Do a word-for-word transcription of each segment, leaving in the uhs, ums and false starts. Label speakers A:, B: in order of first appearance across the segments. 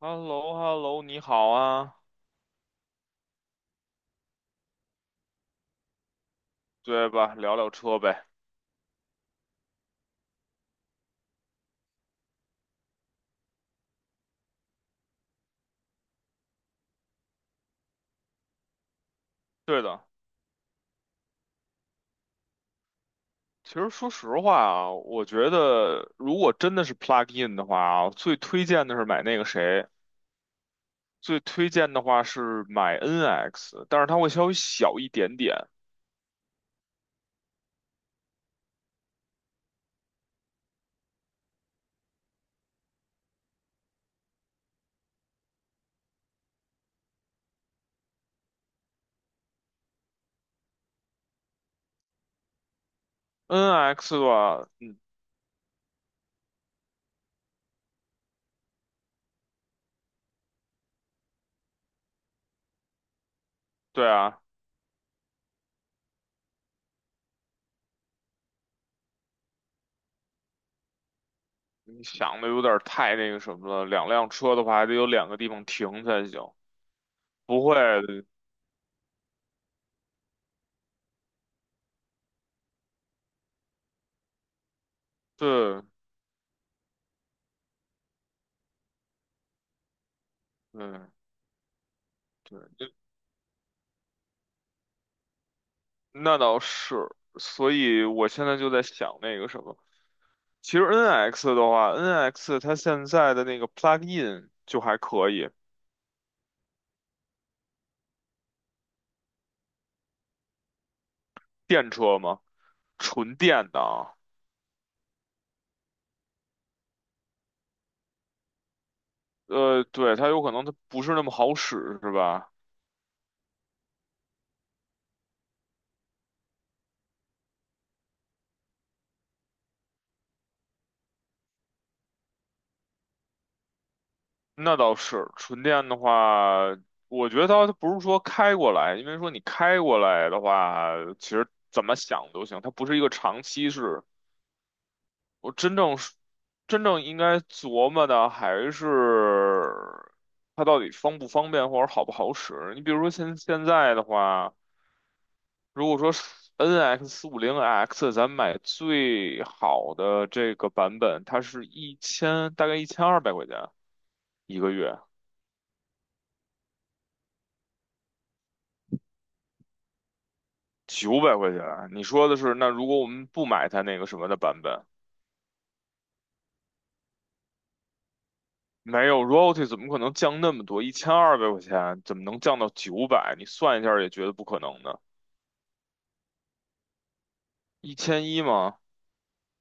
A: h e l l o h e l l o 你好啊，对吧？聊聊车呗。对的，其实说实话啊，我觉得如果真的是 plug in 的话啊，最推荐的是买那个谁，最推荐的话是买 N X，但是它会稍微小一点点。N X 的话，对啊，你想的有点太那个什么了，两辆车的话还得有两个地方停才行，不会，对对对，那倒是，所以我现在就在想那个什么。其实 N X 的话，N X 它现在的那个 plug-in 就还可以，电车嘛，纯电的啊。呃，对，它有可能它不是那么好使，是吧？那倒是，纯电的话，我觉得它不是说开过来，因为说你开过来的话，其实怎么想都行，它不是一个长期式。我真正是真正应该琢磨的还是它到底方不方便或者好不好使。你比如说现现在的话。如果说 N X 四五零 X，咱买最好的这个版本，它是一千，大概一千二百块钱一个月，九百块钱。你说的是，那如果我们不买它那个什么的版本，没有 royalty 怎么可能降那么多？一千二百块钱怎么能降到九百？你算一下也觉得不可能呢。一千一吗？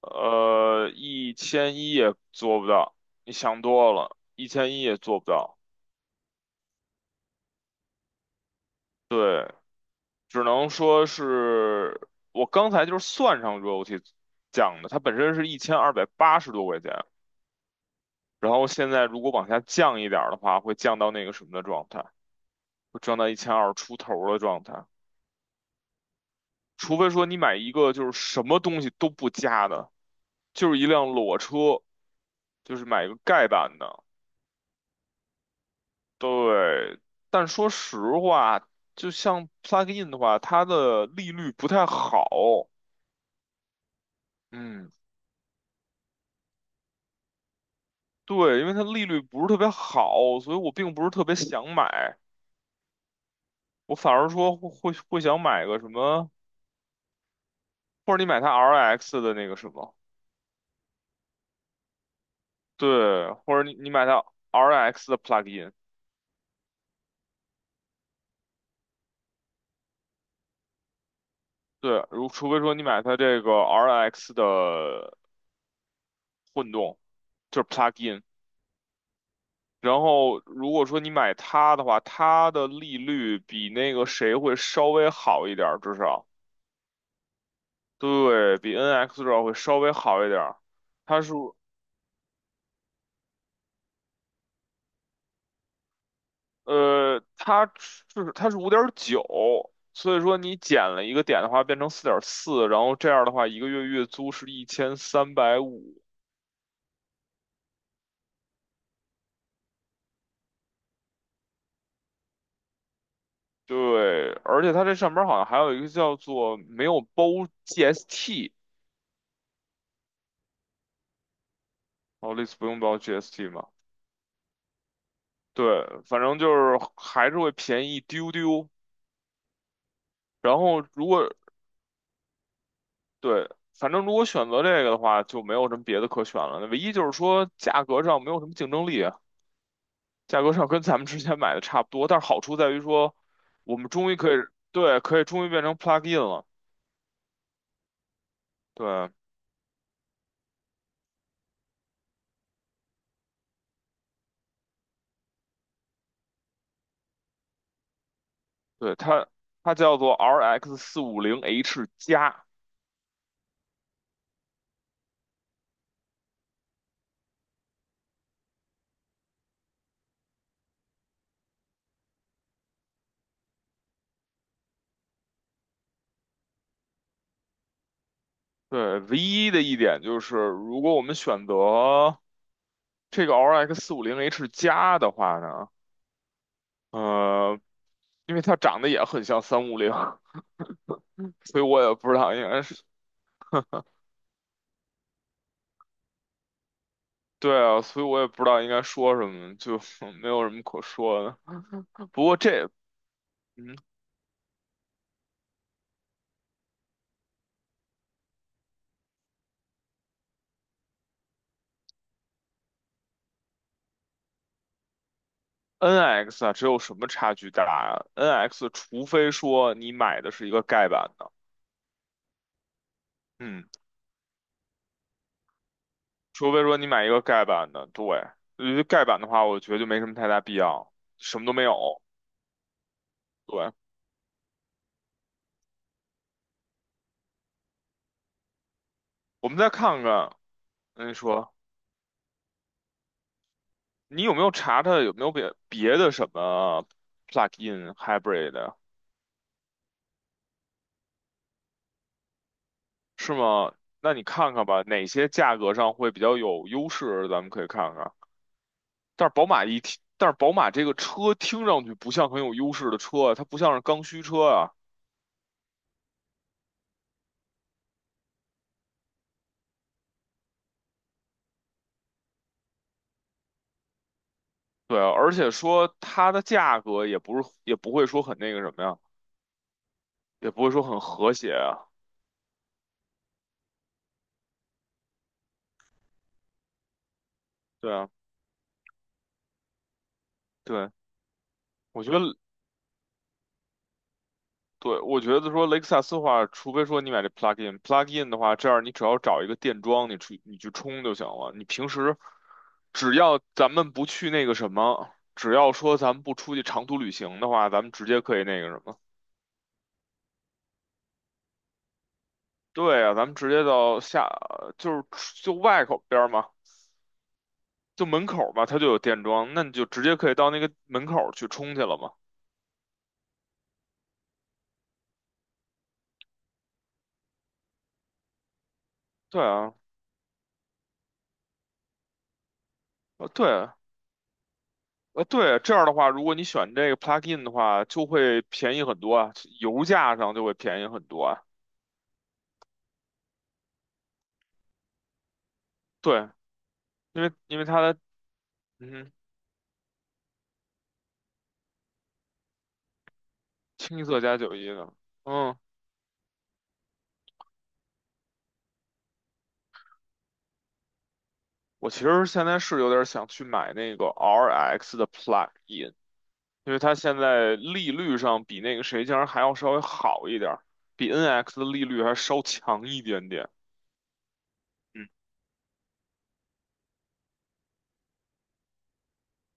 A: 呃，一千一也做不到，你想多了，一千一也做不到。对，只能说是我刚才就是算上 royalty 降的，它本身是一千二百八十多块钱，然后现在如果往下降一点儿的话，会降到那个什么的状态，会降到一千二出头的状态，除非说你买一个就是什么东西都不加的，就是一辆裸车，就是买一个盖板的，对，但说实话，就像 plug in 的话，它的利率不太好，嗯，对，因为它利率不是特别好，所以我并不是特别想买，我反而说会会想买个什么，或者你买它 R X 的那个什么，对，或者你你买它 R X 的 plug-in，对，如除非说你买它这个 R X 的混动，就是 plug-in，然后如果说你买它的话，它的利率比那个谁会稍微好一点儿，至少对比 N X 至少会稍微好一点儿。它是。呃，它是它是五点九，所以说你减了一个点的话，变成四点四，然后这样的话，一个月月租是一千三百五。对，而且它这上边儿好像还有一个叫做没有包 G S T，哦，类似不用包 G S T 嘛。对，反正就是还是会便宜一丢丢。然后如果对，反正如果选择这个的话，就没有什么别的可选了。唯一就是说价格上没有什么竞争力。价格上跟咱们之前买的差不多，但是好处在于说，我们终于可以，对，可以终于变成 plug in 了。对，对，它它叫做 R X 四五零 H 加。对，唯一的一点就是，如果我们选择这个 R X 四五零 H 加的话呢，呃，因为它长得也很像三五零，所以我也不知道应该是。对啊，所以我也不知道应该说什么，就 没有什么可说的。不过这，嗯，N X 啊，只有什么差距大啊？N X 除非说你买的是一个盖板的，嗯，除非说你买一个盖板的，对，因为盖板的话，我觉得就没什么太大必要，什么都没有。对，我们再看看，你说你有没有查查有没有别别的什么 plug-in hybrid 的是吗？那你看看吧，哪些价格上会比较有优势，咱们可以看看。但是宝马一听，但是宝马这个车听上去不像很有优势的车啊，它不像是刚需车啊。对啊，而且说它的价格也不是，也不会说很那个什么呀，也不会说很和谐啊。对啊，对，我觉得，对，我觉得说雷克萨斯的话，除非说你买这 plug-in，plug-in 的话，这样你只要找一个电桩，你去你去充就行了。你平时只要咱们不去那个什么，只要说咱们不出去长途旅行的话，咱们直接可以那个什么。对啊，咱们直接到下，就是就外口边儿嘛，就门口儿嘛，它就有电桩，那你就直接可以到那个门口儿去充去了嘛。对啊，呃对啊，呃对，这样的话，如果你选这个 plug-in 的话，就会便宜很多啊，油价上就会便宜很多啊。对，因为因为它的嗯哼，清一色加九一的，嗯，我其实现在是有点想去买那个 R X 的 plug-in，因为它现在利率上比那个谁竟然还要稍微好一点儿，比 N X 的利率还稍强一点点。嗯，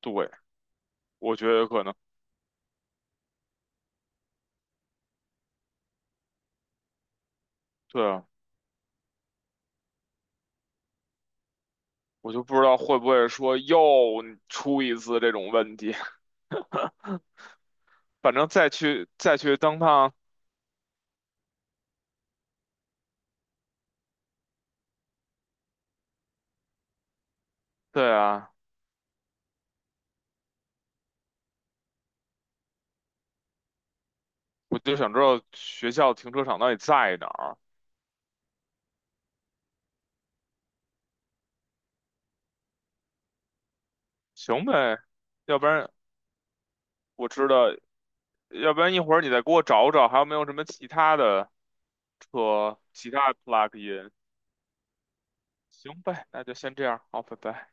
A: 对，我觉得有可能。对啊，我就不知道会不会说又出一次这种问题。反正再去再去登趟，对啊，我就想知道学校停车场到底在哪儿。行呗，要不然我知道，要不然一会儿你再给我找找，还有没有什么其他的车，其他的 plug in。行呗，那就先这样，好，拜拜。